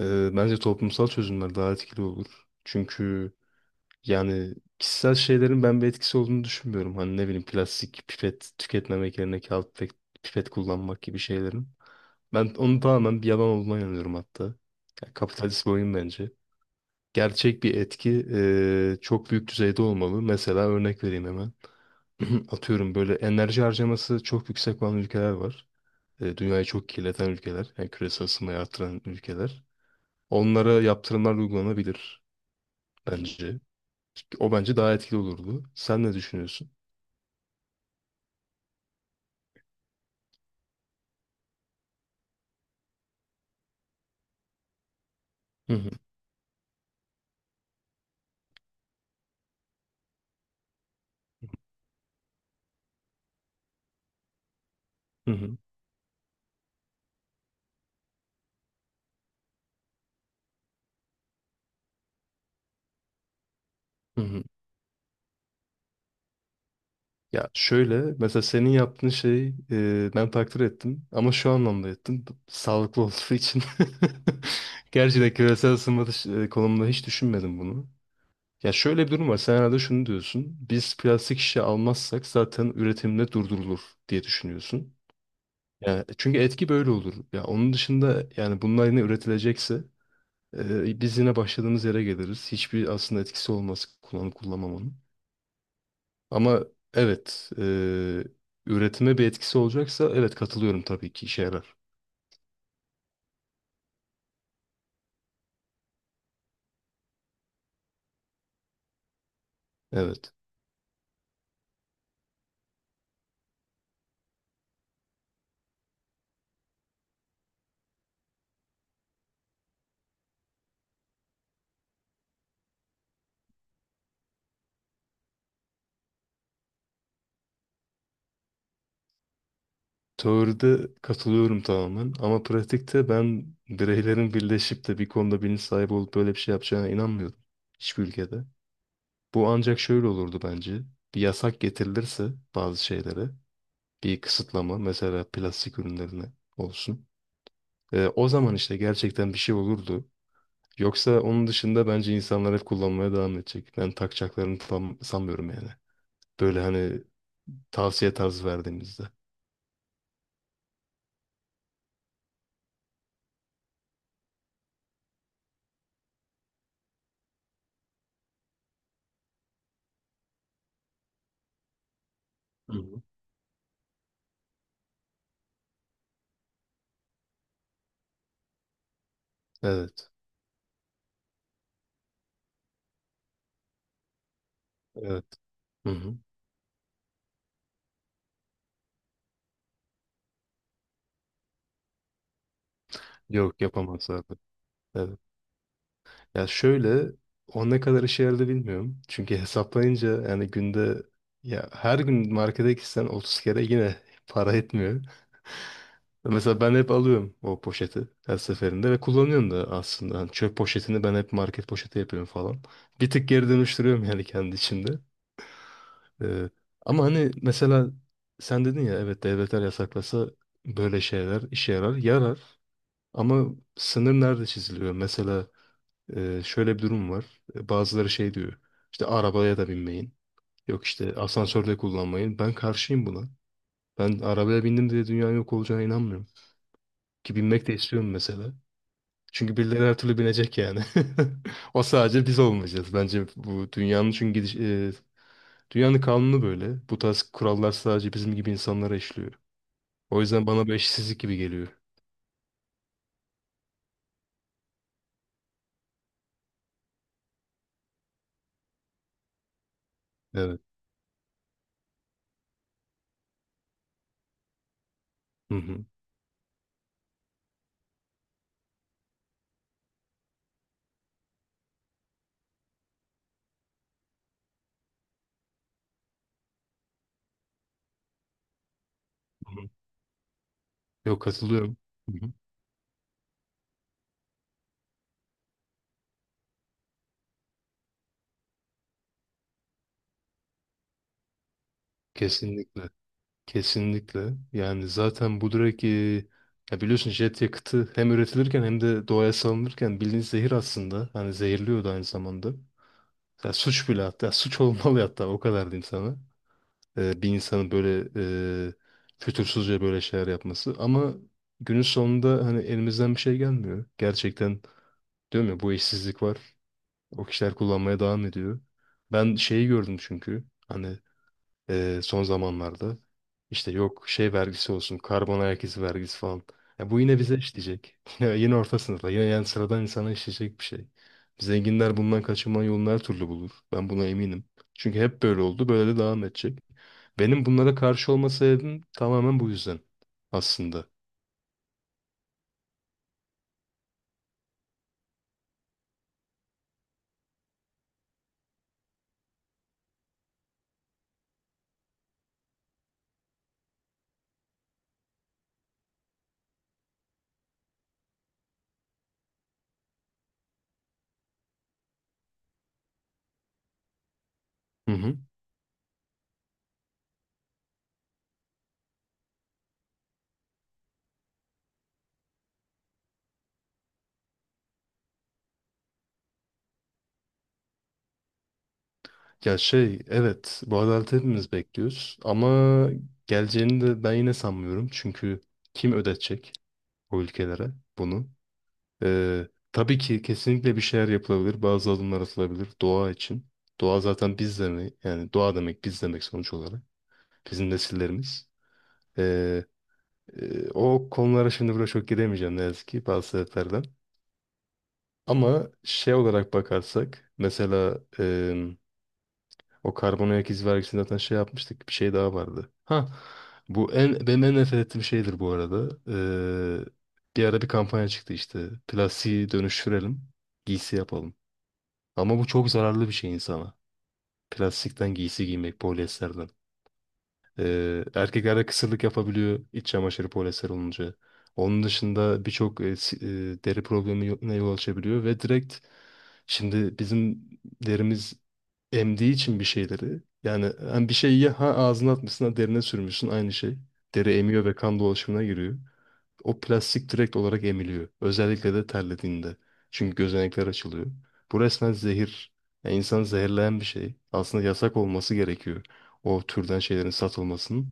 Bence toplumsal çözümler daha etkili olur. Çünkü yani kişisel şeylerin ben bir etkisi olduğunu düşünmüyorum. Hani ne bileyim plastik pipet tüketmemek yerine kağıt pipet, kullanmak gibi şeylerin. Ben onun tamamen bir yalan olduğuna inanıyorum hatta. Yani kapitalist bir oyun bence. Gerçek bir etki çok büyük düzeyde olmalı. Mesela örnek vereyim hemen. Atıyorum böyle enerji harcaması çok yüksek olan ülkeler var. Dünyayı çok kirleten ülkeler. Yani küresel ısınmayı artıran ülkeler. Onlara yaptırımlar uygulanabilir bence. O bence daha etkili olurdu. Sen ne düşünüyorsun? Hı hı, hı hı, hı hı. Ya şöyle mesela senin yaptığın şey ben takdir ettim ama şu anlamda ettim. Sağlıklı olduğu için. Gerçi de küresel ısınma konumunda hiç düşünmedim bunu. Ya şöyle bir durum var. Sen herhalde şunu diyorsun. Biz plastik şişe almazsak zaten üretimde durdurulur diye düşünüyorsun. Yani çünkü etki böyle olur. Ya onun dışında yani bunlar yine üretilecekse biz yine başladığımız yere geliriz. Hiçbir aslında etkisi olmaz kullanıp kullanmamanın. Ama evet, üretime bir etkisi olacaksa evet katılıyorum tabii ki işe yarar. Evet. Teoride katılıyorum tamamen ama pratikte ben bireylerin birleşip de bir konuda bilinç sahibi olup böyle bir şey yapacağına inanmıyorum. Hiçbir ülkede. Bu ancak şöyle olurdu bence. Bir yasak getirilirse bazı şeylere bir kısıtlama mesela plastik ürünlerine olsun. O zaman işte gerçekten bir şey olurdu. Yoksa onun dışında bence insanlar hep kullanmaya devam edecek. Ben takacaklarını tam sanmıyorum yani. Böyle hani tavsiye tarzı verdiğimizde. Hı hı. Evet, evet. Hı hı. Yok yapamazlardı. Evet. Ya şöyle o ne kadar işe yaradı bilmiyorum. Çünkü hesaplayınca yani günde ya her gün markete gitsen 30 kere yine para etmiyor. Mesela ben hep alıyorum o poşeti her seferinde ve kullanıyorum da aslında. Hani çöp poşetini ben hep market poşeti yapıyorum falan. Bir tık geri dönüştürüyorum yani kendi içinde. Ee, Ama hani mesela sen dedin ya evet devletler yasaklasa böyle şeyler işe yarar. Yarar ama sınır nerede çiziliyor? Mesela şöyle bir durum var. Bazıları şey diyor. İşte arabaya da binmeyin. Yok işte asansörde kullanmayın. Ben karşıyım buna. Ben arabaya bindim diye dünyanın yok olacağına inanmıyorum. Ki binmek de istiyorum mesela. Çünkü birileri her türlü binecek yani. O sadece biz olmayacağız. Bence bu dünyanın çünkü dünyanın kanunu böyle. Bu tarz kurallar sadece bizim gibi insanlara işliyor. O yüzden bana bir eşitsizlik gibi geliyor. Evet. Hı hı. Hı hı. Yok katılıyorum. Hı hı. Kesinlikle. Kesinlikle. Yani zaten bu direkt ya biliyorsun jet yakıtı hem üretilirken hem de doğaya salınırken bildiğiniz zehir aslında. Hani zehirliyor da aynı zamanda. Ya suç bile hatta suç olmalı hatta o kadar diyeyim sana. Bir insanın böyle e, fütursuzca böyle şeyler yapması. Ama günün sonunda hani elimizden bir şey gelmiyor. Gerçekten diyorum ya bu işsizlik var. O kişiler kullanmaya devam ediyor. Ben şeyi gördüm çünkü. Hani son zamanlarda. İşte yok şey vergisi olsun, karbon ayak izi vergisi falan. Ya bu yine bize işleyecek. Yine, orta sınıfa, yine yani sıradan insana işleyecek bir şey. Zenginler bundan kaçınma yolunu her türlü bulur. Ben buna eminim. Çünkü hep böyle oldu, böyle de devam edecek. Benim bunlara karşı olma sebebim tamamen bu yüzden aslında. Hı hı. Ya şey, evet bu adaleti hepimiz bekliyoruz ama geleceğini de ben yine sanmıyorum. Çünkü kim ödetecek o ülkelere bunu? Tabii ki kesinlikle bir şeyler yapılabilir. Bazı adımlar atılabilir doğa için. Doğa zaten biz demek. Yani doğa demek biz demek sonuç olarak. Bizim nesillerimiz. Ee, O konulara şimdi burada çok giremeyeceğim ne yazık ki bazı sebeplerden. Ama şey olarak bakarsak mesela o karbon ayak izi vergisini zaten şey yapmıştık. Bir şey daha vardı. Ha bu benim en nefret ettiğim şeydir bu arada. Bir ara bir kampanya çıktı işte. Plastiği dönüştürelim. Giysi yapalım. Ama bu çok zararlı bir şey insana. Plastikten giysi giymek, polyesterden. Erkeklerde kısırlık yapabiliyor iç çamaşırı polyester olunca. Onun dışında birçok deri problemine yol açabiliyor ve direkt şimdi bizim derimiz emdiği için bir şeyleri yani hem bir şeyi ya ha ağzına atmışsın ha derine sürmüşsün aynı şey. Deri emiyor ve kan dolaşımına giriyor. O plastik direkt olarak emiliyor. Özellikle de terlediğinde. Çünkü gözenekler açılıyor. Bu resmen zehir. Yani insanı zehirleyen bir şey. Aslında yasak olması gerekiyor. O türden şeylerin satılmasının.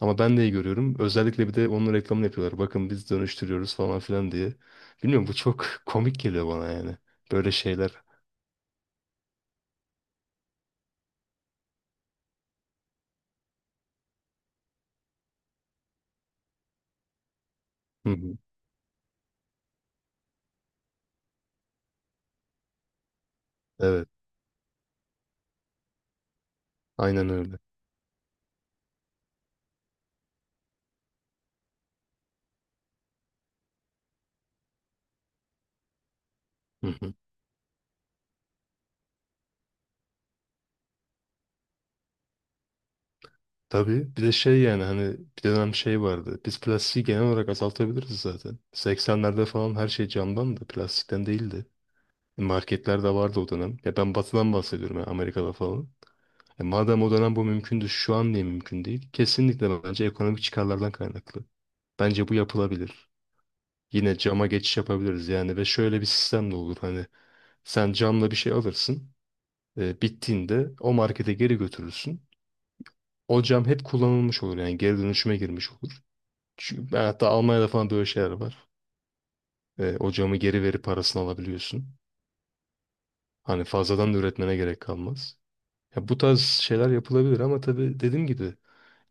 Ama ben de iyi görüyorum. Özellikle bir de onun reklamını yapıyorlar. Bakın biz dönüştürüyoruz falan filan diye. Bilmiyorum bu çok komik geliyor bana yani. Böyle şeyler. Hı hı. Evet. Aynen öyle. Hı hı. Tabii. Bir de şey yani hani bir dönem şey vardı. Biz plastiği genel olarak azaltabiliriz zaten. 80'lerde falan her şey camdan da plastikten değildi. Marketlerde vardı o dönem. Ya ben batıdan bahsediyorum ya Amerika'da falan. E madem o dönem bu mümkündü şu an niye mümkün değil? Kesinlikle bence ekonomik çıkarlardan kaynaklı. Bence bu yapılabilir. Yine cama geçiş yapabiliriz yani ve şöyle bir sistem de olur hani sen camla bir şey alırsın. Bittiğinde o markete geri götürürsün. O cam hep kullanılmış olur yani geri dönüşüme girmiş olur. Çünkü ben hatta Almanya'da falan böyle şeyler var. O camı geri verip parasını alabiliyorsun. Hani fazladan da üretmene gerek kalmaz. Ya bu tarz şeyler yapılabilir ama tabii dediğim gibi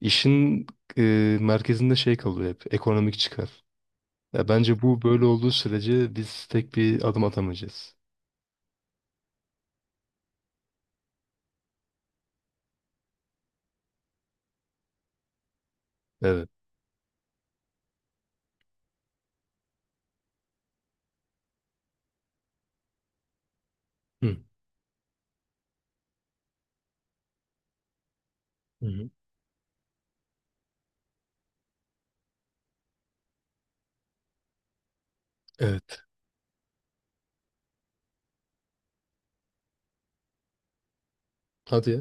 işin e, merkezinde şey kalıyor hep ekonomik çıkar. Ya bence bu böyle olduğu sürece biz tek bir adım atamayacağız. Evet. Hı. Hı hı. Evet. Hadi ya.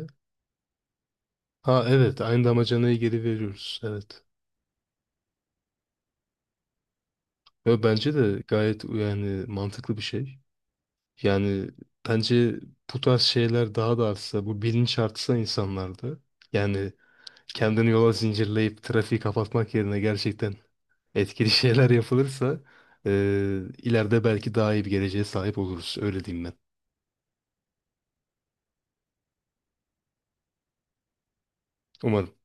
Ha evet aynı damacanayı geri veriyoruz. Evet. Ve bence de gayet yani mantıklı bir şey. Yani bence bu tarz şeyler daha da artsa, bu bilinç artsa insanlarda, yani kendini yola zincirleyip trafiği kapatmak yerine gerçekten etkili şeyler yapılırsa, eee, ileride belki daha iyi bir geleceğe sahip oluruz. Öyle diyeyim ben. Umarım.